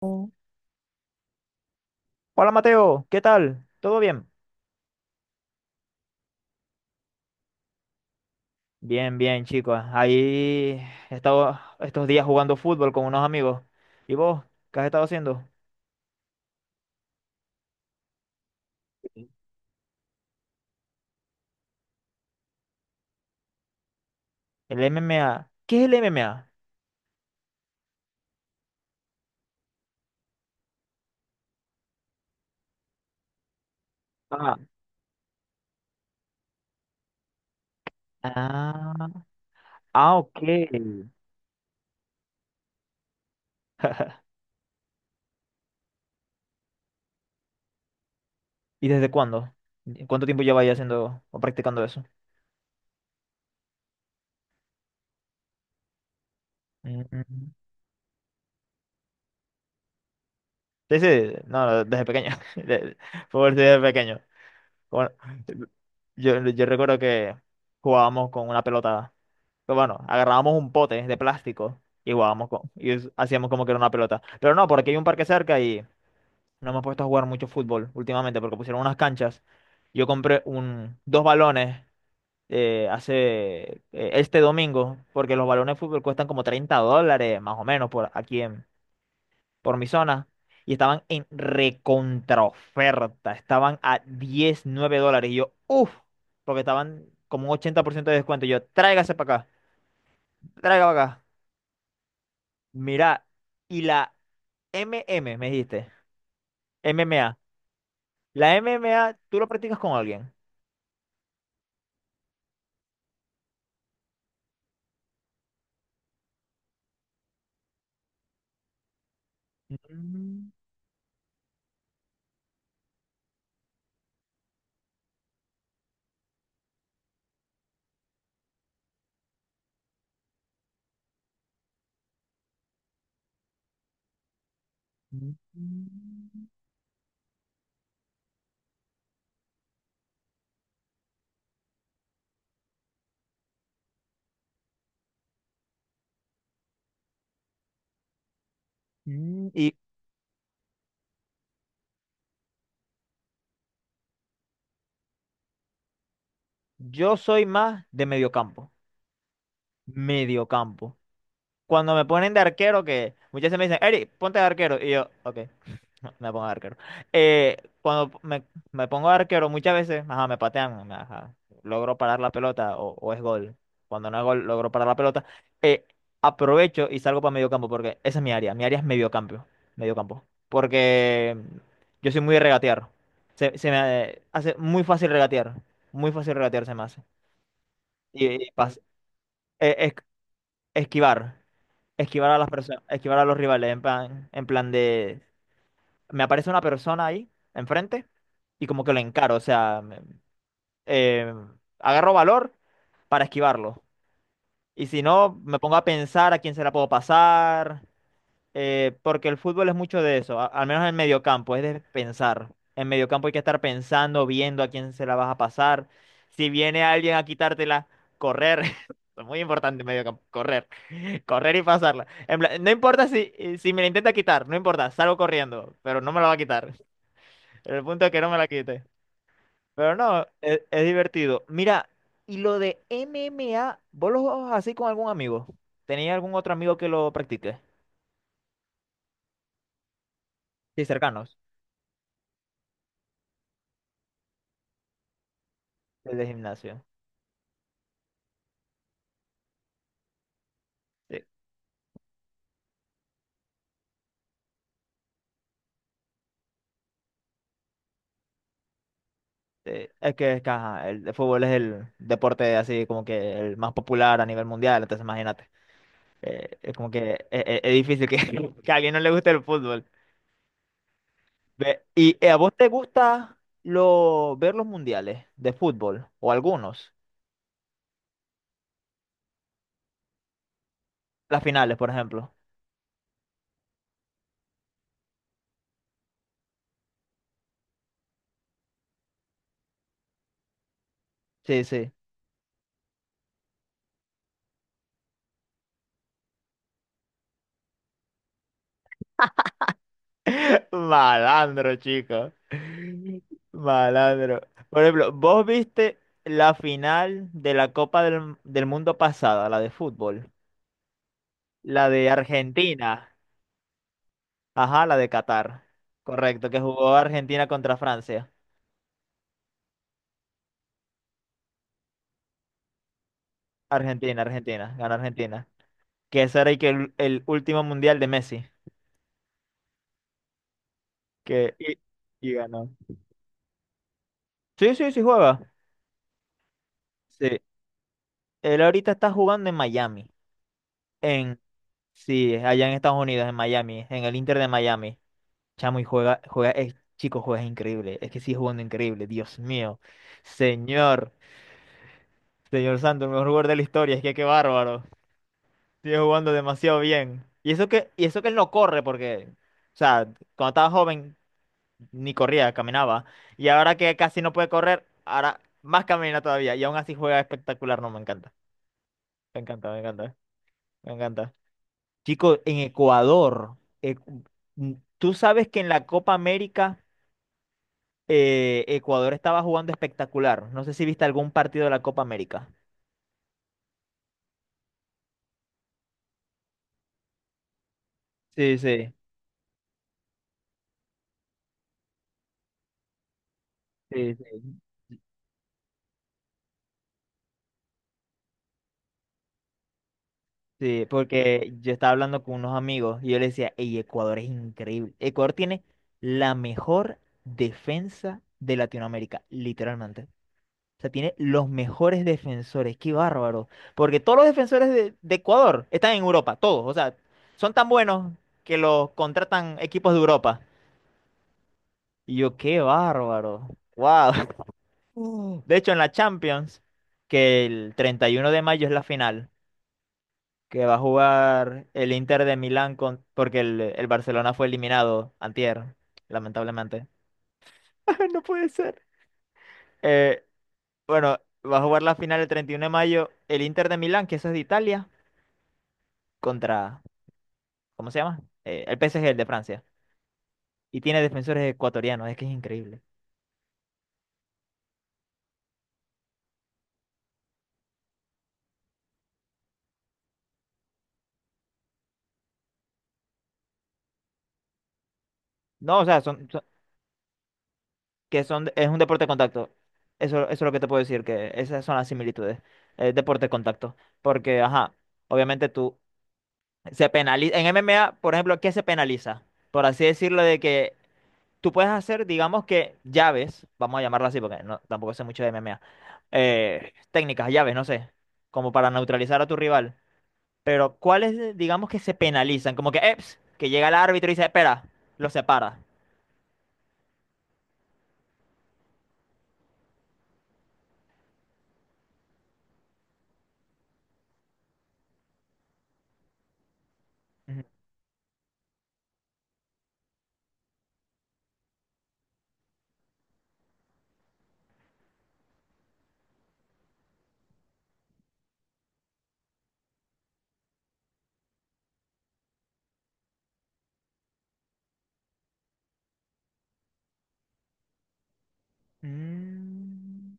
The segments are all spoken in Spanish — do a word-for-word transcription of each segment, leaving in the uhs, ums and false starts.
Hola Mateo, ¿qué tal? ¿Todo bien? Bien, bien, chicos. Ahí he estado estos días jugando fútbol con unos amigos. ¿Y vos? ¿Qué has estado haciendo? El M M A. ¿Qué es el M M A? Ah, ah, ah, ok. ¿Y desde cuándo? ¿Cuánto tiempo lleváis haciendo o practicando eso? Mm. Sí, sí, no, no, desde pequeño. De- Fútbol desde pequeño. Bueno, yo, yo recuerdo que jugábamos con una pelota. Pero bueno, agarrábamos un pote de plástico y jugábamos con, y es- hacíamos como que era una pelota. Pero no, porque hay un parque cerca y no hemos puesto a jugar mucho fútbol últimamente porque pusieron unas canchas. Yo compré un, dos balones eh, hace eh, este domingo porque los balones de fútbol cuestan como treinta dólares más o menos por aquí en, por mi zona y estaban en recontraoferta. Estaban a diecinueve dólares. Y yo, uff, porque estaban como un ochenta por ciento de descuento. Y yo, tráigase para acá, tráiga para acá. Mirá, y la M M, me dijiste, M M A. La M M A, ¿tú lo practicas con alguien? Mm, mm, mm. Y yo soy más de mediocampo. Mediocampo. Cuando me ponen de arquero, que muchas veces me dicen, Eric, ponte de arquero. Y yo, ok. No, me pongo arquero. Eh, cuando me, me pongo arquero, muchas veces, ajá, me patean, me- ajá, logro parar la pelota o, o es gol. Cuando no es gol, logro parar la pelota. Eh, Aprovecho y salgo para medio campo porque esa es mi área. Mi área es medio campo. Medio campo. Porque yo soy muy de regatear. Se, se me hace muy fácil regatear. Muy fácil regatear se me hace. Y, y pas- eh, es- esquivar. Esquivar a las personas, esquivar a los rivales en plan, en plan, de me aparece una persona ahí enfrente y como que lo encaro, o sea, me- eh, agarro valor para esquivarlo. Y si no, me pongo a pensar a quién se la puedo pasar, eh, porque el fútbol es mucho de eso, a- al menos en el mediocampo, es de pensar. En mediocampo hay que estar pensando, viendo a quién se la vas a pasar. Si viene alguien a quitártela, correr. Es muy importante en mediocampo, correr. Correr y pasarla. En plan, no importa si, si, me la intenta quitar, no importa, salgo corriendo, pero no me la va a quitar. El punto es que no me la quite. Pero no, es, es divertido. Mira, y lo de M M A, ¿vos lo jugabas así con algún amigo? ¿Tenía algún otro amigo que lo practique? Sí, cercanos. El de gimnasio. Sí, sí. Es que, es que, ajá, el de fútbol es el deporte así como que el más popular a nivel mundial, entonces imagínate. Eh, es como que es, es- es difícil que, que a alguien no le guste el fútbol. Ve, ¿y eh, a vos te gusta lo, ver los mundiales de fútbol o algunos? Las finales, por ejemplo. Sí, sí. Malandro, chico. Malandro. Por ejemplo, ¿vos viste la final de la Copa del, del Mundo pasada, la de fútbol? La de Argentina. Ajá, la de Qatar. Correcto, que jugó Argentina contra Francia. Argentina, Argentina, ganó Argentina. Que ese era y que el, el último mundial de Messi. Que, y, y ganó. Sí, sí, sí juega. Sí. Él ahorita está jugando en Miami. En, sí, allá en Estados Unidos, en Miami, en el Inter de Miami. Chamo, y juega, juega, eh, chico, juegas increíble. Es que sigue jugando increíble, Dios mío. Señor, señor Santo, el mejor jugador de la historia, es que qué bárbaro. Sigue jugando demasiado bien. Y eso que, y eso que él no corre, porque, o sea, cuando estaba joven ni corría, caminaba. Y ahora que casi no puede correr, ahora más camina todavía. Y aún así juega espectacular, no, me encanta. Me encanta, me encanta, me encanta. Chico, en Ecuador, eh, tú sabes que en la Copa América. eh, Ecuador estaba jugando espectacular. No sé si viste algún partido de la Copa América. Sí, sí, sí, sí. Sí, porque yo estaba hablando con unos amigos y yo les decía, hey, Ecuador es increíble. Ecuador tiene la mejor defensa de Latinoamérica, literalmente. O sea, tiene los mejores defensores, qué bárbaro. Porque todos los defensores de, de Ecuador están en Europa, todos. O sea, son tan buenos que los contratan equipos de Europa. Y yo, qué bárbaro. Wow. Mm. De hecho, en la Champions, que el treinta y uno de mayo es la final, que va a jugar el Inter de Milán con, porque el, el Barcelona fue eliminado antier, lamentablemente. No puede ser. Eh, bueno, va a jugar la final el treinta y uno de mayo el Inter de Milán, que eso es de Italia, contra, ¿cómo se llama? Eh, el P S G, el de Francia. Y tiene defensores ecuatorianos, es que es increíble. No, o sea, son, que son, es un deporte de contacto. Eso, eso es lo que te puedo decir, que esas son las similitudes. Es deporte de contacto. Porque, ajá, obviamente tú se penaliza. En M M A, por ejemplo, ¿qué se penaliza? Por así decirlo, de que tú puedes hacer, digamos que llaves, vamos a llamarlo así, porque no, tampoco sé mucho de M M A. Eh, técnicas, llaves, no sé, como para neutralizar a tu rival. Pero, ¿cuáles, eh, digamos que se penalizan? Como que, eps, que llega el árbitro y dice, espera, lo separa. Ujú. Mm.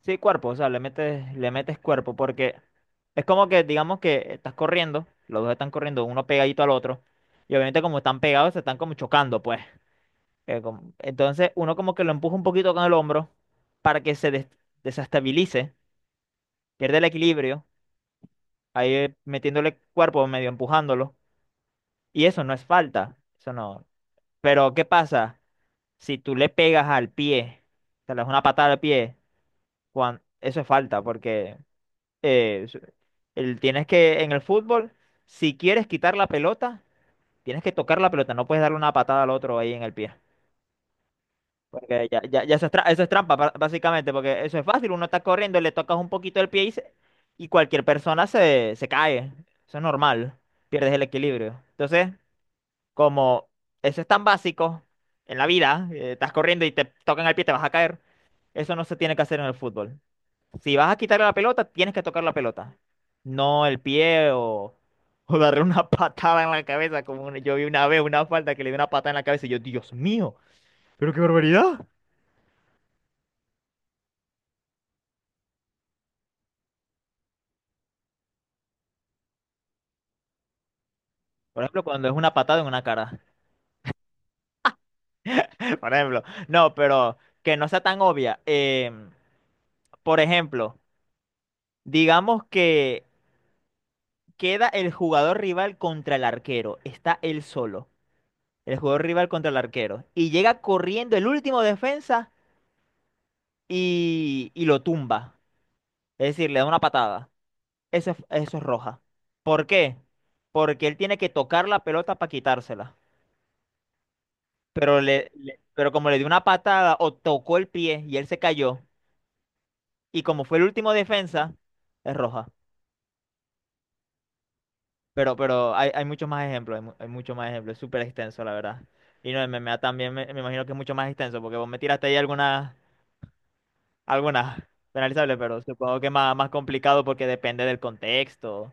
Sí, cuerpo, o sea, le metes, le metes cuerpo, porque es como que, digamos que estás corriendo, los dos están corriendo, uno pegadito al otro, y obviamente como están pegados, se están como chocando, pues. Eh, como- entonces uno como que lo empuja un poquito con el hombro para que se des- desestabilice, pierde el equilibrio, ahí eh, metiéndole cuerpo, medio empujándolo, y eso no es falta, eso no. Pero, ¿qué pasa si tú le pegas al pie, te le das una patada al pie, cuan- eso es falta, porque... eh, s- el- Tienes que, en el fútbol, si quieres quitar la pelota, tienes que tocar la pelota, no puedes darle una patada al otro ahí en el pie. Porque ya, ya, ya eso es, tra- eso es trampa, ba- básicamente, porque eso es fácil, uno está corriendo, le tocas un poquito el pie y, se- y cualquier persona se, se cae. Eso es normal, pierdes el equilibrio. Entonces, como eso es tan básico en la vida, eh, estás corriendo y te tocan el pie, te vas a caer, eso no se tiene que hacer en el fútbol. Si vas a quitarle la pelota, tienes que tocar la pelota. No el pie o, o darle una patada en la cabeza. Como una- yo vi una vez una falta que le dio una patada en la cabeza y yo, Dios mío, pero qué barbaridad. Por ejemplo, cuando es una patada en una cara. Por ejemplo, no, pero que no sea tan obvia. Em, por ejemplo, digamos que queda el jugador rival contra el arquero. Está él solo. El jugador rival contra el arquero. Y llega corriendo el último defensa y, y lo tumba. Es decir, le da una patada. Eso es, eso es roja. ¿Por qué? Porque él tiene que tocar la pelota para quitársela. Pero, le, le- pero como le dio una patada o tocó el pie y él se cayó, y como fue el último defensa, es roja. Pero, pero hay, hay muchos más ejemplos, hay, mu- hay muchos más ejemplos, es súper extenso, la verdad. Y no, el M M A también me, me imagino que es mucho más extenso, porque vos me tiraste ahí algunas, algunas, penalizables, pero supongo que más, más complicado porque depende del contexto.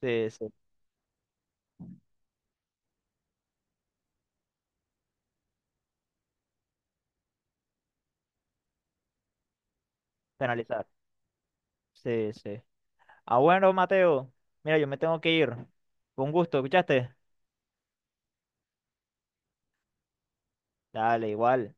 Sí, sí, penalizar. Sí, sí. Ah, bueno, Mateo. Mira, yo me tengo que ir. Con gusto, ¿escuchaste? Dale, igual.